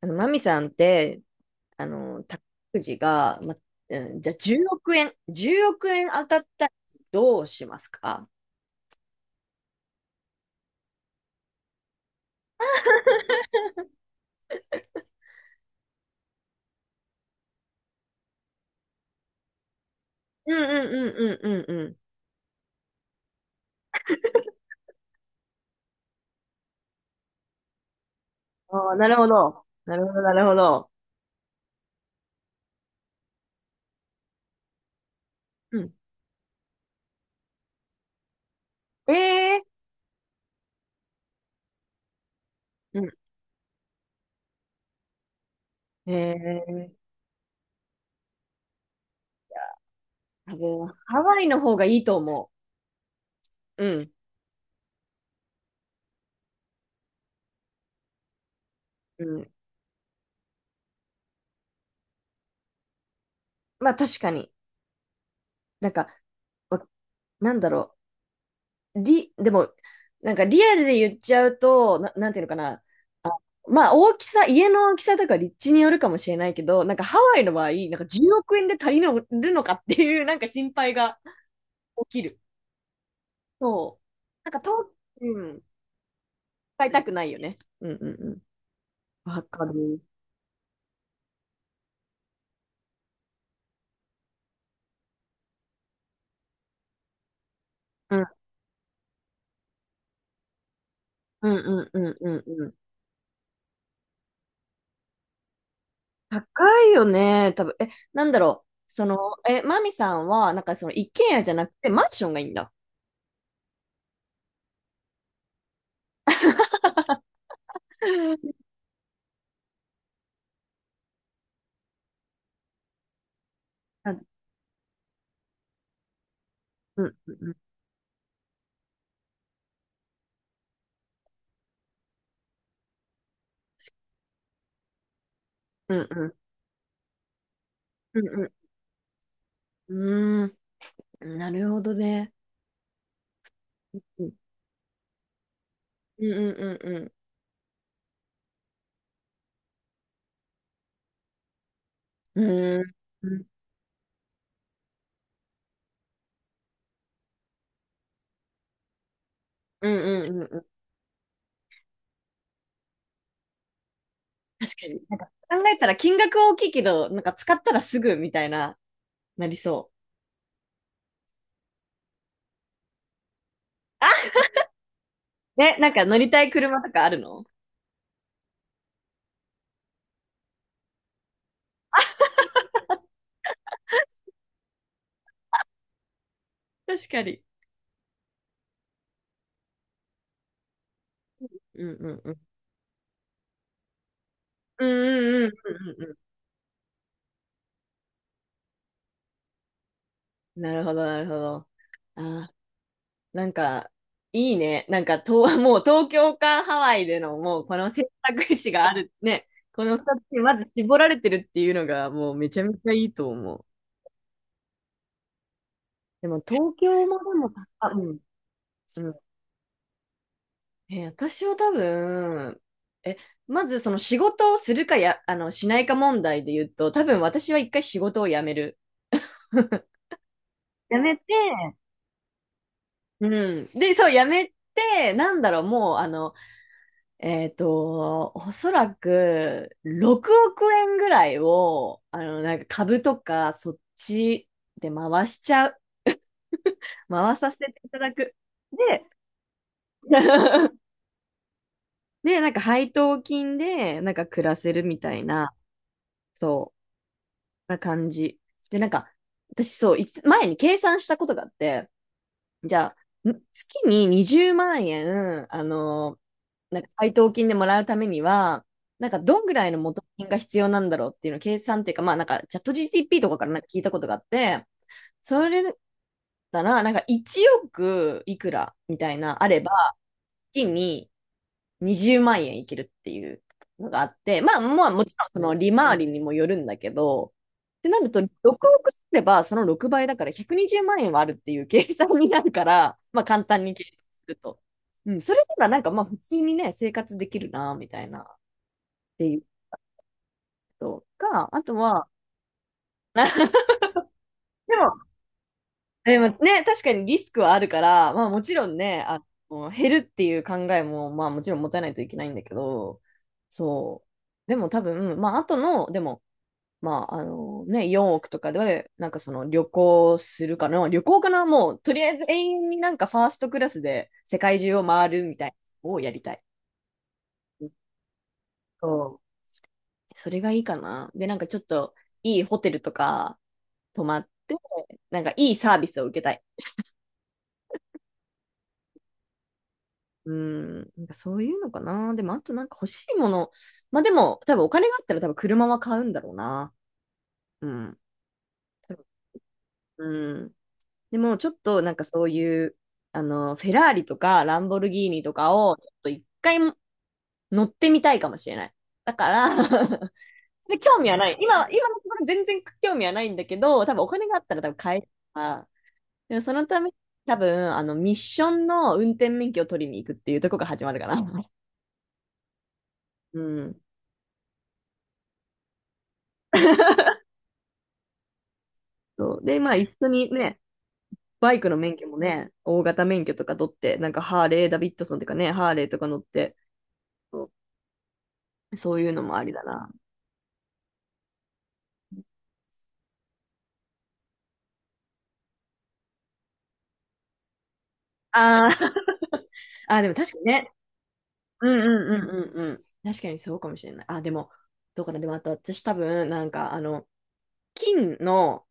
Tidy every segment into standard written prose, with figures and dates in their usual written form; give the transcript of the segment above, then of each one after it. マミさんって、宝くじが、じゃあ10億円、10億円当たったらどうしますか？うんうんうんうんうんうん。ああ、なるほど。なるほど、なるほど。うん。ええ。うん。えー、多分、ハワイの方がいいと思う。うん。うん。まあ確かに。なんか、わなんだろう。り、でも、なんかリアルで言っちゃうと、なんていうのかな。まあ大きさ、家の大きさとか立地によるかもしれないけど、なんかハワイの場合、なんか10億円で足りるのかっていうなんか心配が起きる。そう。なんかと、うん、使いたくないよね。うんうんうん。わかる。うんうんうんうんうんうん。高いよね、多分。なんだろう。マミさんは、なんかその一軒家じゃなくてマンションがいいんだ。あうんうんうんうんうんうんうん。うーん、なるほどね。うんうんうんうんうん。うーん。うんうんうんうん。確かに。なんか考えたら金額は大きいけど、なんか使ったらすぐみたいな、なりそう。ね、なんか乗りたい車とかあるの？確かに。うんうんうん。うんうんうんうんうん。なるほど、なるほど。あなんか、いいね。もう東京かハワイでの、もうこの選択肢があるね。この2つにまず絞られてるっていうのが、もうめちゃめちゃいいと思う。でも東京もでも、あ、うん。えー私は多分、え、まずその仕事をするかや、しないか問題で言うと、多分私は一回仕事を辞める。やめて、うん。そう、辞めて、なんだろう、もう、あの、えっと、おそらく、6億円ぐらいを、なんか株とか、そっちで回しちゃう。回させていただく。で、で、なんか配当金で、なんか暮らせるみたいな、そう。な感じ。で、なんか、私そう、いつ前に計算したことがあって、じゃあ、月に20万円、あのなんか配当金でもらうためには、なんかどんぐらいの元金が必要なんだろうっていうのを計算っていうか、まあなんかチャット GTP とかからなんか聞いたことがあって、それだったら、なんか1億いくらみたいな、あれば、月に20万円いけるっていうのがあって、まあまあもちろんその利回りにもよるんだけど、ってなると6億すればその6倍だから120万円はあるっていう計算になるから、まあ簡単に計算すると。うん、それならなんかまあ普通にね、生活できるな、みたいなっていうことか、あとは、でもでもね、確かにリスクはあるから、まあもちろんね、減るっていう考えも、まあもちろん持たないといけないんだけど、そう。でも多分、まああとの、でも、まああのね、4億とかで、なんかその旅行するかな、旅行かな、もうとりあえず永遠になんかファーストクラスで世界中を回るみたいなのをやりたい。そう。それがいいかな。で、なんかちょっといいホテルとか泊まって、なんかいいサービスを受けたい。うん、なんかそういうのかな。でも、あとなんか欲しいもの。まあでも、多分お金があったら多分車は買うんだろうな。うん。多分うん。でも、ちょっとなんかそういう、あの、フェラーリとかランボルギーニとかを、ちょっと一回乗ってみたいかもしれない。だから で、興味はない。今のところ全然興味はないんだけど、多分お金があったら多分買えるから。でもそのため、多分、あの、ミッションの運転免許を取りに行くっていうところが始まるかな。うん。そう。で、まあ一緒にね、バイクの免許もね、大型免許とか取って、なんかハーレー、ダビッドソンとかね、ハーレーとか乗って、そうそういうのもありだな。あー あー、でも確かにね。うんうんうんうんうん。確かにそうかもしれない。あ、でも、どうかな。でもあと私多分、金の、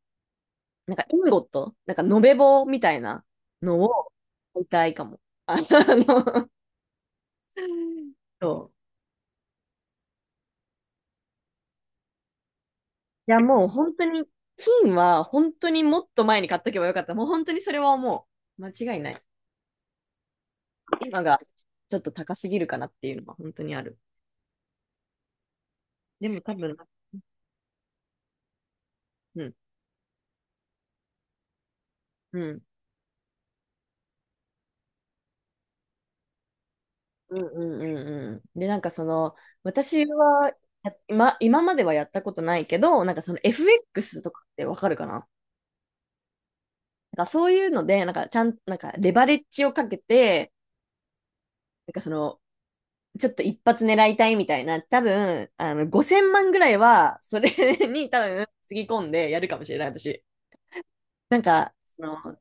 なんかインゴット、なんか延べ棒みたいなのを買いたいかも。ああの、そう。いや、もう本当に、金は本当にもっと前に買っとけばよかった。もう本当にそれはもう。間違いない。今がちょっと高すぎるかなっていうのは本当にある。でも多分、うん、うん、うん、うん、うん。うんで、なんかその、私はや今、今まではやったことないけど、なんかその FX とかってわかるかな？なんかそういうので、なんかちゃん、なんかレバレッジをかけて、なんかその、ちょっと一発狙いたいみたいな、多分、あの、5000万ぐらいは、それ に多分、つぎ込んでやるかもしれない、私。なんか、その、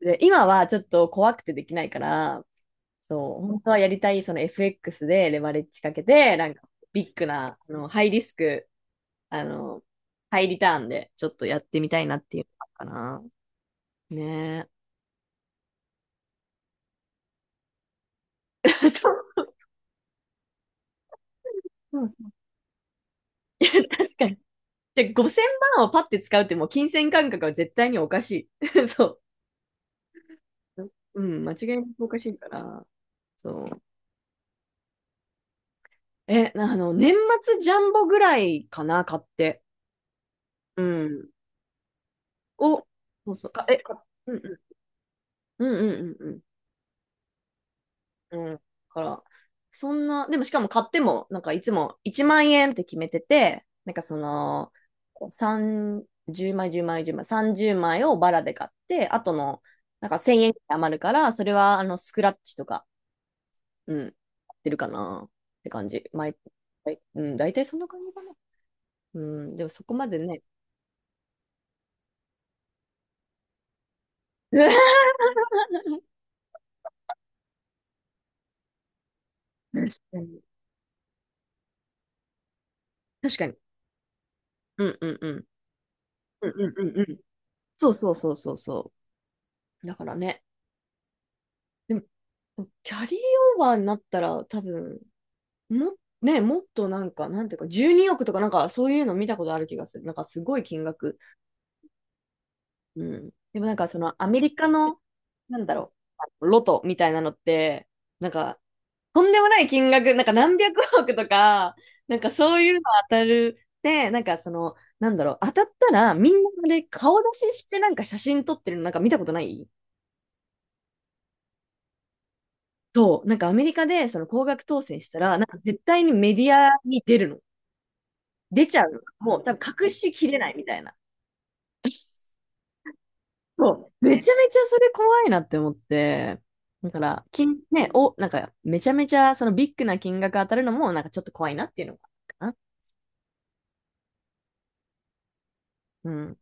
で、今はちょっと怖くてできないから、そう、本当はやりたい、その FX でレバレッジかけて、なんか、ビッグな、ハイリスク、あの、ハイリターンで、ちょっとやってみたいなっていうのかな。ねえ。そう、うん確かに。で、5000万をパッて使うって、もう金銭感覚は絶対におかしい。そう。うん、間違いなくおかしいから、そう。え、なあの、年末ジャンボぐらいかな、買って。うん。を、そうそう、か、え、か、うんうん、うんうんうんうん。うん。だから、そんな、でもしかも買っても、なんかいつも1万円って決めてて、3、10枚、10枚、10枚、30枚をバラで買って、あとの、なんか1000円余るから、それはあのスクラッチとかうん、出るかなって感じ。毎はいうん、大体そんな感じかな。うん、でもそこまでね。確かに。確かに。うんうんうん。うんうんうんうん。そうそうそうそうそう。だからね。でも、キャリーオーバーになったら多分、も、ね、もっとなんか、なんていうか、12億とかなんかそういうの見たことある気がする。なんかすごい金額。うん。でもなんかそのアメリカの、なんだろう、ロトみたいなのって、なんかとんでもない金額、なんか何百億とか、なんかそういうの当たる。で、当たったらみんなで顔出ししてなんか写真撮ってるのなんか見たことない？そう、なんかアメリカでその高額当選したら、なんか絶対にメディアに出るの。出ちゃうの。もう多分隠しきれないみたいな。そう、めちゃめちゃそれ怖いなって思って。だから、金、ね、お、なんかめちゃめちゃそのビッグな金額当たるのもなんかちょっと怖いなっていうのがあるかな。うん。